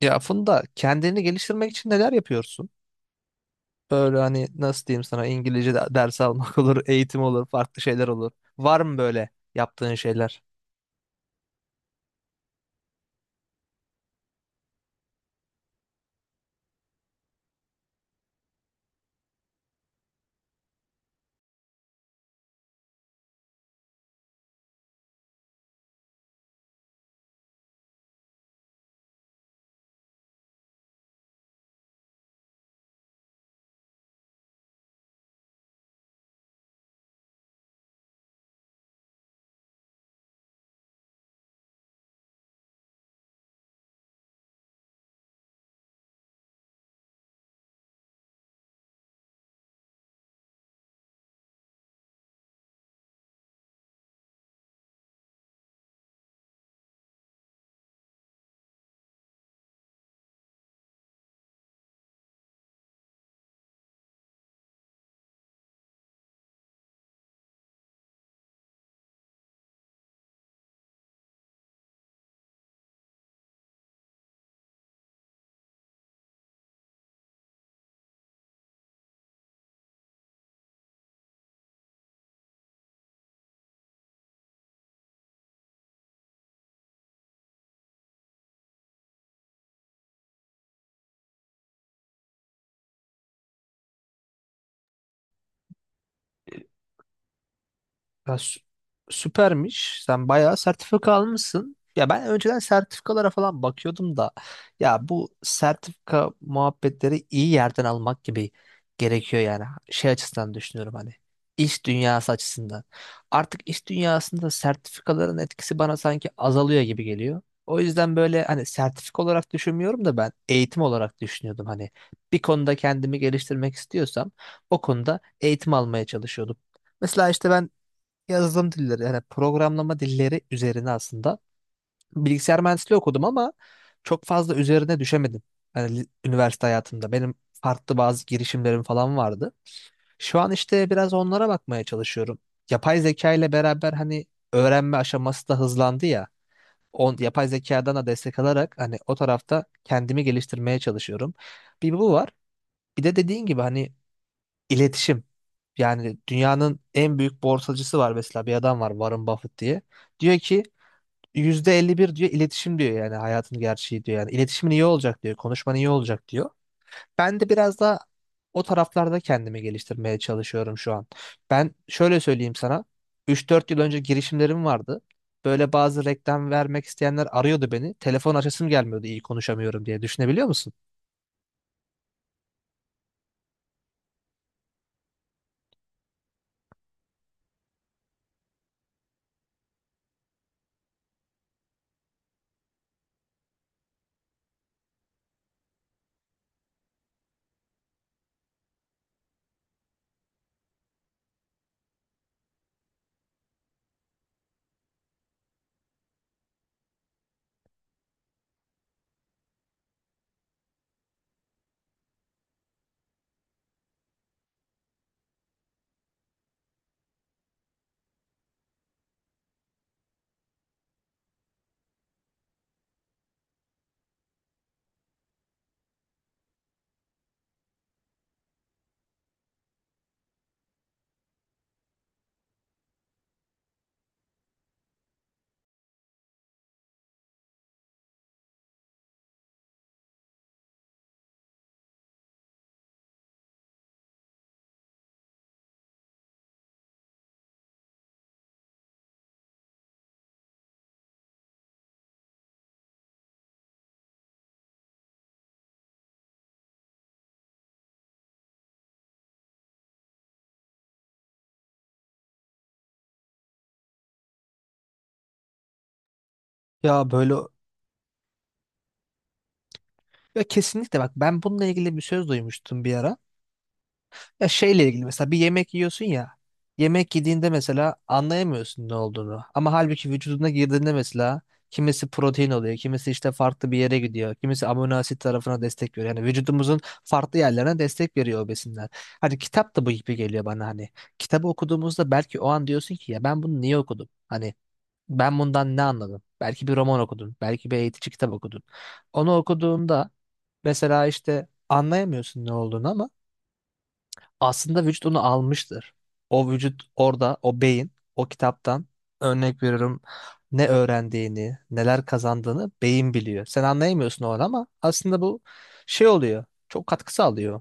Ya Funda, kendini geliştirmek için neler yapıyorsun? Böyle hani nasıl diyeyim sana, İngilizce ders almak olur, eğitim olur, farklı şeyler olur. Var mı böyle yaptığın şeyler? Ya sü- Süpermiş. Sen bayağı sertifika almışsın. Ya ben önceden sertifikalara falan bakıyordum da, ya bu sertifika muhabbetleri iyi yerden almak gibi gerekiyor yani. Şey açısından düşünüyorum, hani iş dünyası açısından. Artık iş dünyasında sertifikaların etkisi bana sanki azalıyor gibi geliyor. O yüzden böyle hani sertifika olarak düşünmüyorum da, ben eğitim olarak düşünüyordum. Hani bir konuda kendimi geliştirmek istiyorsam o konuda eğitim almaya çalışıyordum. Mesela işte ben yazılım dilleri, yani programlama dilleri üzerine aslında, bilgisayar mühendisliği okudum ama çok fazla üzerine düşemedim. Yani üniversite hayatımda benim farklı bazı girişimlerim falan vardı. Şu an işte biraz onlara bakmaya çalışıyorum. Yapay zeka ile beraber hani öğrenme aşaması da hızlandı ya. On, yapay zekadan da destek alarak hani o tarafta kendimi geliştirmeye çalışıyorum. Bir bu var. Bir de dediğin gibi hani İletişim. Yani dünyanın en büyük borsacısı var mesela, bir adam var Warren Buffett diye. Diyor ki %51 diyor iletişim diyor, yani hayatın gerçeği diyor. Yani iletişimin iyi olacak diyor. Konuşman iyi olacak diyor. Ben de biraz da o taraflarda kendimi geliştirmeye çalışıyorum şu an. Ben şöyle söyleyeyim sana. 3 4 yıl önce girişimlerim vardı. Böyle bazı reklam vermek isteyenler arıyordu beni. Telefon açasım gelmiyordu, iyi konuşamıyorum diye. Düşünebiliyor musun? Ya böyle, ya kesinlikle, bak ben bununla ilgili bir söz duymuştum bir ara. Ya şeyle ilgili, mesela bir yemek yiyorsun ya. Yemek yediğinde mesela anlayamıyorsun ne olduğunu. Ama halbuki vücuduna girdiğinde mesela kimisi protein oluyor, kimisi işte farklı bir yere gidiyor, kimisi amino asit tarafına destek veriyor. Yani vücudumuzun farklı yerlerine destek veriyor o besinler. Hani kitap da bu gibi geliyor bana, hani kitabı okuduğumuzda belki o an diyorsun ki ya ben bunu niye okudum? Hani ben bundan ne anladım? Belki bir roman okudun, belki bir eğitici kitap okudun. Onu okuduğunda mesela işte anlayamıyorsun ne olduğunu, ama aslında vücut onu almıştır. O vücut orada, o beyin, o kitaptan, örnek veriyorum, ne öğrendiğini, neler kazandığını beyin biliyor. Sen anlayamıyorsun o an ama aslında bu şey oluyor. Çok katkı sağlıyor.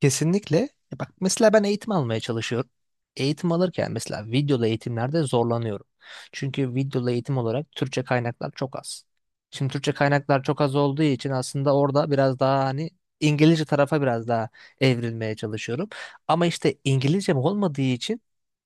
Kesinlikle. Ya bak mesela ben eğitim almaya çalışıyorum. Eğitim alırken mesela videolu eğitimlerde zorlanıyorum. Çünkü videolu eğitim olarak Türkçe kaynaklar çok az. Şimdi Türkçe kaynaklar çok az olduğu için aslında orada biraz daha hani İngilizce tarafa biraz daha evrilmeye çalışıyorum. Ama işte İngilizcem olmadığı için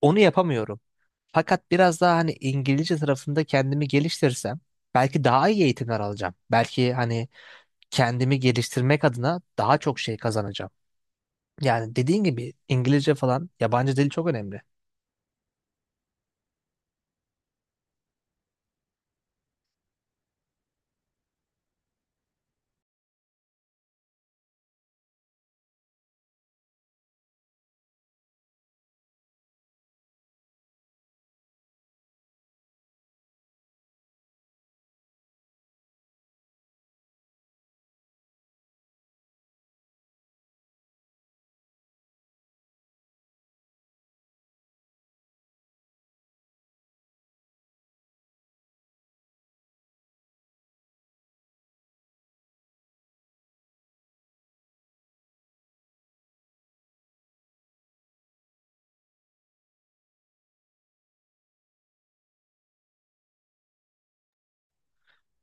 onu yapamıyorum. Fakat biraz daha hani İngilizce tarafında kendimi geliştirsem belki daha iyi eğitimler alacağım. Belki hani kendimi geliştirmek adına daha çok şey kazanacağım. Yani dediğin gibi İngilizce falan, yabancı dil çok önemli.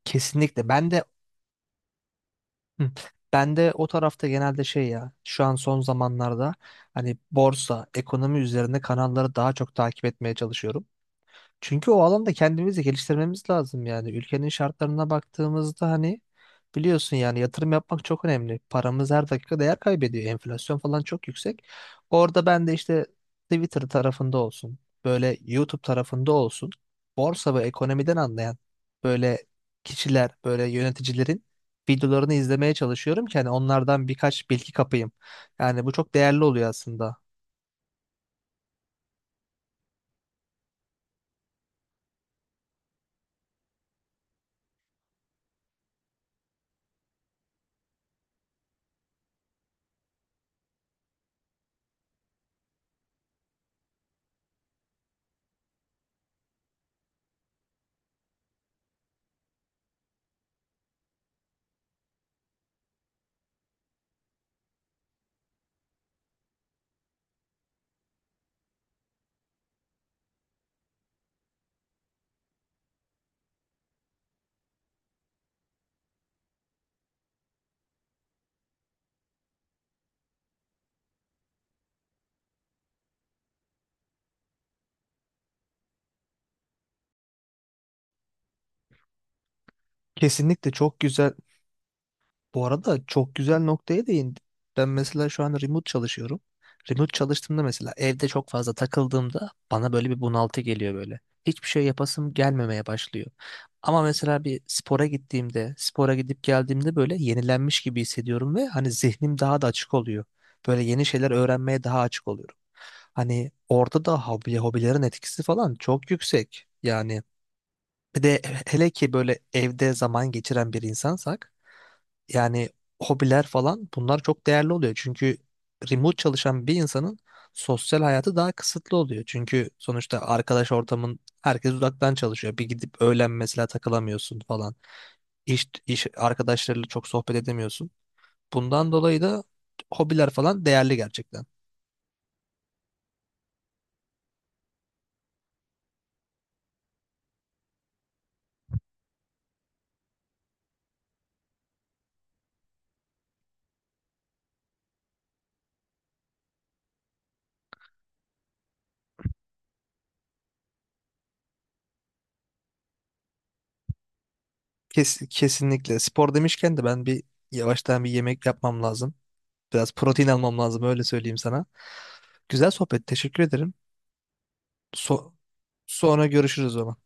Kesinlikle. Ben de hı, ben de o tarafta genelde şey, ya şu an son zamanlarda hani borsa, ekonomi üzerine kanalları daha çok takip etmeye çalışıyorum. Çünkü o alanda kendimizi geliştirmemiz lazım yani. Ülkenin şartlarına baktığımızda hani, biliyorsun yani, yatırım yapmak çok önemli. Paramız her dakika değer kaybediyor. Enflasyon falan çok yüksek. Orada ben de işte Twitter tarafında olsun, böyle YouTube tarafında olsun, borsa ve ekonomiden anlayan böyle kişiler, böyle yöneticilerin videolarını izlemeye çalışıyorum ki hani onlardan birkaç bilgi kapayım. Yani bu çok değerli oluyor aslında. Kesinlikle çok güzel. Bu arada çok güzel noktaya değindin. Ben mesela şu an remote çalışıyorum. Remote çalıştığımda mesela evde çok fazla takıldığımda bana böyle bir bunaltı geliyor böyle. Hiçbir şey yapasım gelmemeye başlıyor. Ama mesela bir spora gittiğimde, spora gidip geldiğimde böyle yenilenmiş gibi hissediyorum ve hani zihnim daha da açık oluyor. Böyle yeni şeyler öğrenmeye daha açık oluyorum. Hani orada da hobilerin etkisi falan çok yüksek. Yani bir de, hele ki böyle evde zaman geçiren bir insansak, yani hobiler falan, bunlar çok değerli oluyor. Çünkü remote çalışan bir insanın sosyal hayatı daha kısıtlı oluyor. Çünkü sonuçta arkadaş ortamın, herkes uzaktan çalışıyor. Bir gidip öğlen mesela takılamıyorsun falan. İş arkadaşlarıyla çok sohbet edemiyorsun. Bundan dolayı da hobiler falan değerli gerçekten. Kesinlikle. Spor demişken de ben bir, yavaştan bir yemek yapmam lazım. Biraz protein almam lazım, öyle söyleyeyim sana. Güzel sohbet. Teşekkür ederim. So- Sonra görüşürüz o zaman.